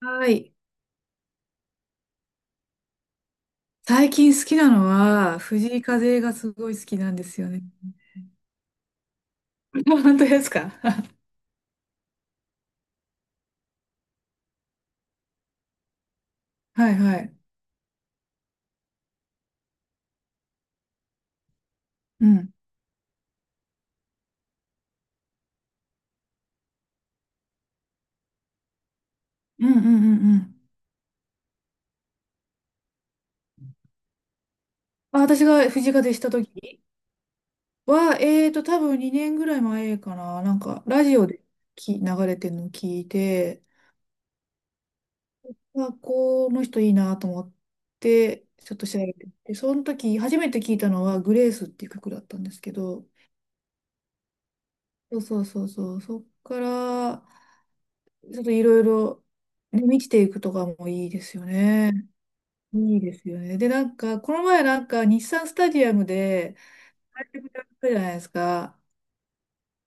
はい。最近好きなのは、藤井風がすごい好きなんですよね。本当ですか？ はいはい。うん。うんうんうんうん。あ、私が藤井風した時は、多分2年ぐらい前かな。なんか、ラジオで流れてるのを聞いて、あ、この人いいなと思って、ちょっと調べてみて、その時、初めて聞いたのは、グレースっていう曲だったんですけど、そうそうそうそう、そっから、ちょっといろいろ、ね、見ていくとかもいいですよね。いいですよね。で、なんか、この前なんか、日産スタジアムで、対局やったじゃないですか。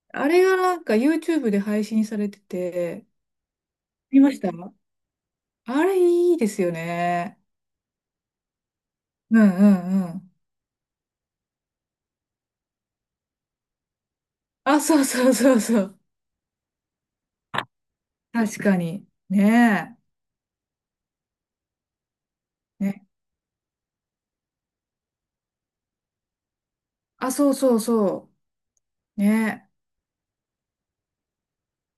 あれがなんか、YouTube で配信されてて、見ました。あれいいですよね。うんうんうん。あ、そうそうそうそう。確かに。ねえ。ね。あ、そうそうそう。ね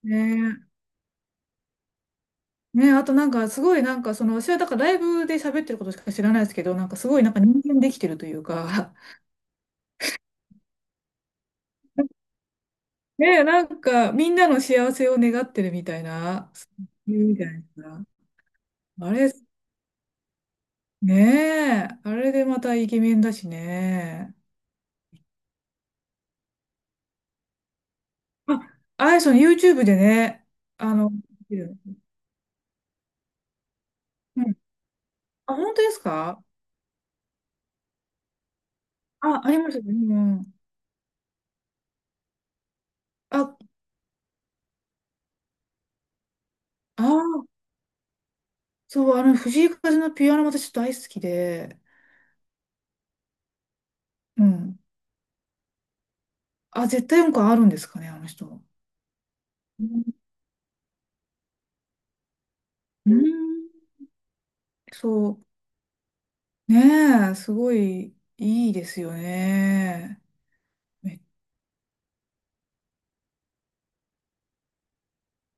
え。ねえ。ね、あとなんかすごいなんかその私はだからライブで喋ってることしか知らないですけど、なんかすごいなんか人間できてるというか。 ね、なんかみんなの幸せを願ってるみたいな、そういうみたいな。あれね、えあれでまたイケメンだしね。ああやさん YouTube でね。あの、うん、あ本当ですか？あ、ありましたね。うん、ああ、そう、あの藤井風のピアノも私ちょっと大好きで。うん、あ絶対音感あるんですかね、あの人。うん。そう。ねえ、すごいいいですよね。め、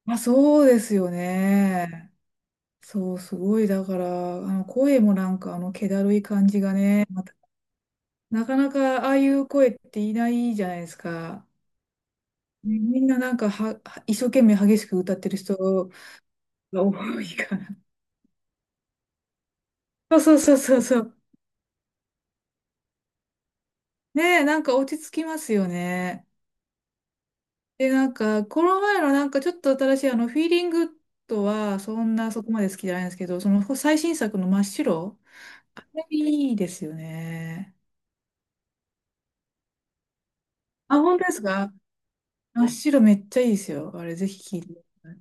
まあ、そうですよね。そう、すごい。だから、あの声もなんか、あの、気だるい感じがね、また、なかなかああいう声っていないじゃないですか。ね、みんななんかは、は一生懸命激しく歌ってる人が多いから。そうそうそうそうそう。ねえ、なんか落ち着きますよね。で、なんか、この前のなんかちょっと新しいあの、フィーリングとは、そんなそこまで好きじゃないんですけど、その最新作の真っ白、あれいいですよね。あ、本当ですか？真っ白めっちゃいいですよ。あれぜひ聞いてください。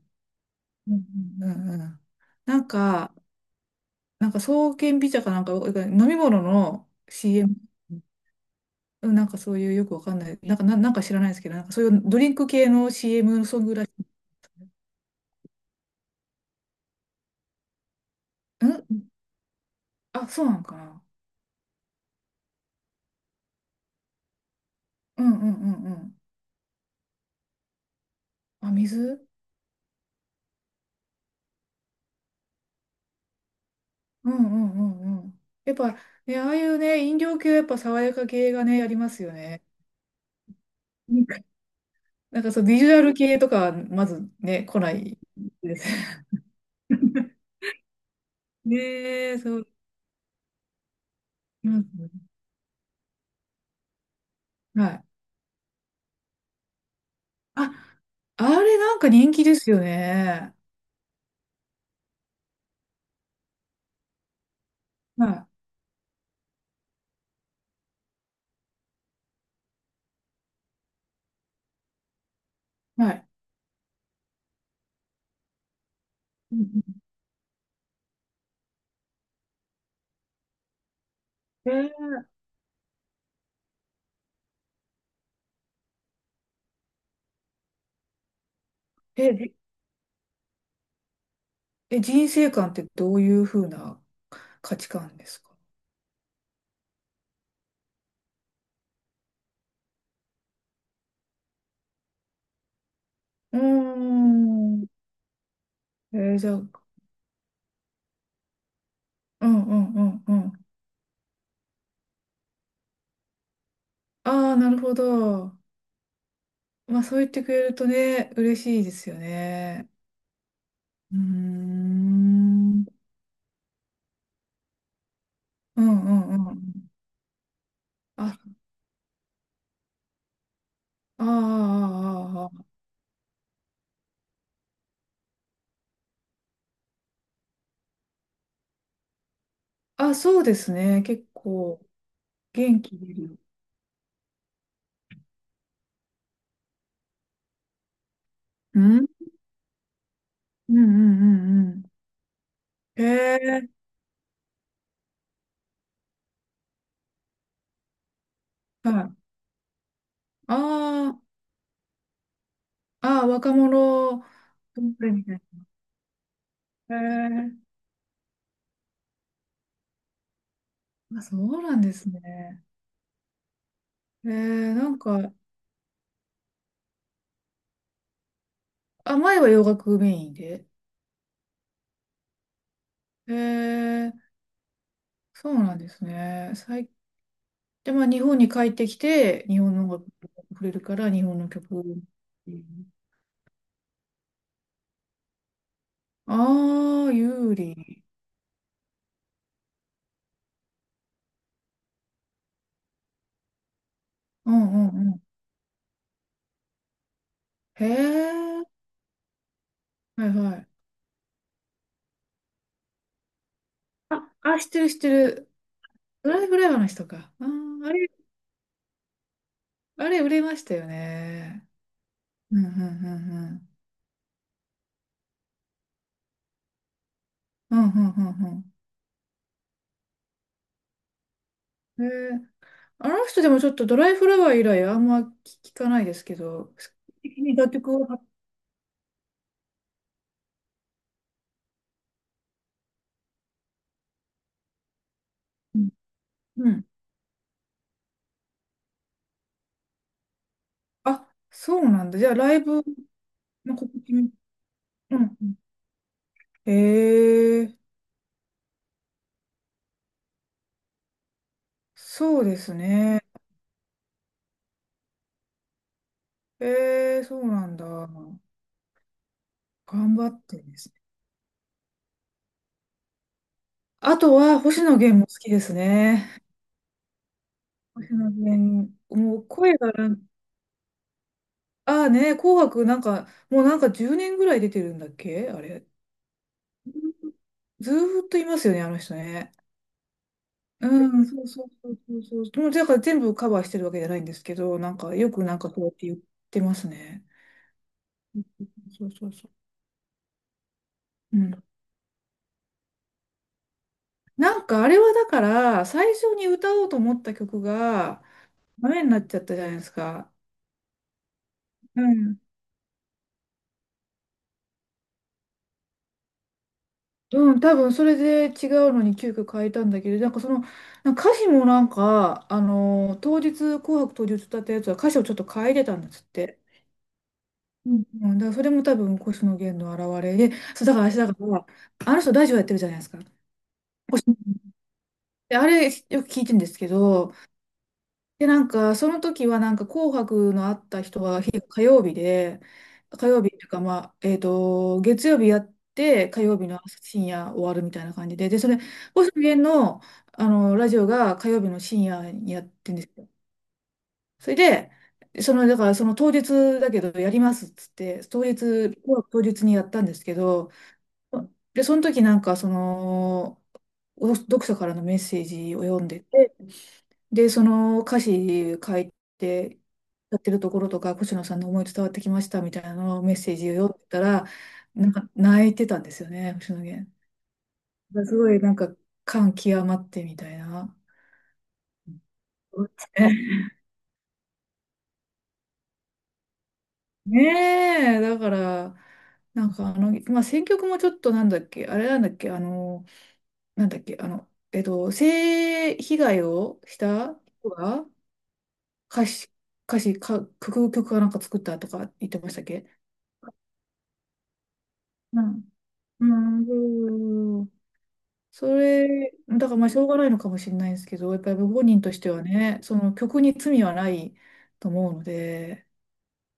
うんうんうんうん。なんか、なんか爽健美茶かなんか、飲み物の CM、うん、なんかそういうよくわかんない、なんか、な、なんか知らないですけど、なんかそういうドリンク系の CM ソングらしい。うん、あ、そうなんかな。うんうんうんうん。あ、水。うんうんうんうん。やっぱね、ああいうね、飲料系はやっぱ爽やか系がね、ありますよね。うん、なんかそう、ビジュアル系とかはまずね、来ないです。ねえ、そう。うん、はい。あ、あれなんか人気ですよね。はい。はい。うんうん、え、え、じ、え人生観ってどういうふうな価値観ですか？うーん。じゃあ、うん、うんうんうん。ああ、なるほど。まあそう言ってくれるとね、嬉しいですよね。うーん。うんうんうん。あ、ああ、ああ、ああ、そうですね。結構元気出る。うん、うんうんうんうん、へえ、はい。ああ、ああ、若者、みたいな。へえ、あ、そうなんですね。へえ、なんか、あ、前は洋楽メインで。へえ、そうなんですね。最で、まあ、日本に帰ってきて、日本の音楽に触れるから、日本の曲を。ああー、有利。うんうんうん。へえ。はいはい。あ、あ、知ってる知ってる。ドライフライ話とか。あー、あれ、あれ売れましたよね。うんうんうんうん。うんうんうんうん。へえ。あの人でもちょっとドライフラワー以来あんま聞かないですけど、的に楽曲を発、うん。うん、あ、そうなんだ。じゃあライブの告知み、うんうん、ええ、そうですね。ええそうなんだ。頑張ってですね。あとは、星野源も好きですね。星野源、もう声がなん、ああね、紅白なんか、もうなんか10年ぐらい出てるんだっけあれ。ずーっといますよね、あの人ね。うん、そうそうそうそうそう。もうだから全部カバーしてるわけじゃないんですけど、なんかよくなんかこうやって言ってますね。そうそうそうそう。うん、なんかあれはだから最初に歌おうと思った曲がダメになっちゃったじゃないですか。うん。うん、多分それで違うのに急遽変えたんだけど、なんかその、なんか歌詞もなんか、あのー当日、紅白当日歌ったやつは歌詞をちょっと変えてたんですって。うんうん、だからそれも多分星野源の表れで、そう、だから私だから、あの人ラジオやってるじゃないですか。で、あれよく聞いてるんですけど、で、なんか、その時は、なんか、紅白のあった人は、日火曜日で、火曜日っていうか、まあ、月曜日やって、火曜日の深夜終わるみたいな感じで、で、それ、星野源の、あの、ラジオが火曜日の深夜にやってんですよ。それで、その、だから、その当日だけど、やりますっつって、当日、当日にやったんですけど、で、その時なんか、その、お読者からのメッセージを読んでて、で、その歌詞書いて、やってるところとか、星野さんの思い伝わってきましたみたいなのをメッセージを読んでたら、なんか泣いてたんですよね、星野源。すごいなんか感極まってみたいな。ねえ、だから、なんかあの、まあ、選曲もちょっとなんだっけ、あれなんだっけ、あの、なんだっけ、あの、性被害をした人が歌詞、歌詞か、曲、曲かなんか作ったとか言ってましたっけ？うん、うーん。それ、だからまあしょうがないのかもしれないですけど、やっぱりご本人としてはね、その曲に罪はないと思うので、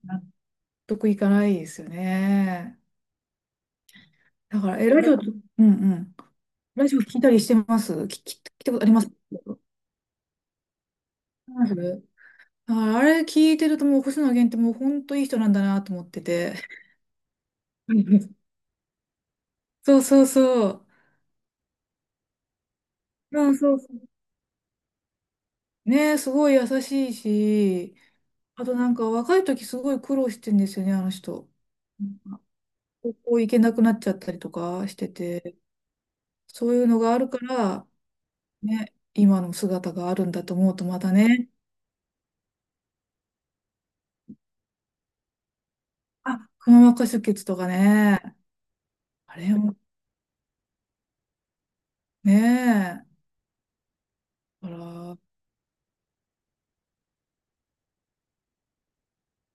納得いかないですよね。だから、え、ラジオ、うん、うん。ラジオ聞いたりしてます聞、き聞いたことありますあります、だからあれ聞いてるともう星野源ってもう本当いい人なんだなと思ってて。そうそうそう。うんそうそう。ね、すごい優しいし、あとなんか若い時すごい苦労してんですよね、あの人。高校行けなくなっちゃったりとかしてて、そういうのがあるから、ね、今の姿があるんだと思うとまたね、あ、くも膜下出血とかね、あれもねえ、あら、あ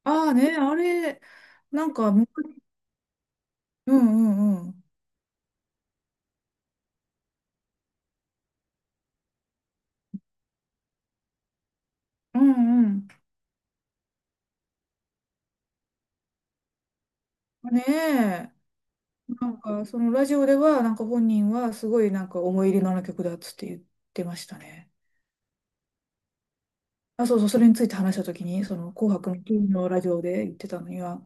あーね、あれ、なんか、む、うんうんうん、うんうん、ねえ、なんかそのラジオでは、なんか本人はすごいなんか思い入れのある曲だっつって言ってましたね。あ、そうそう、それについて話したときに、その紅白の金のラジオで言ってたのには、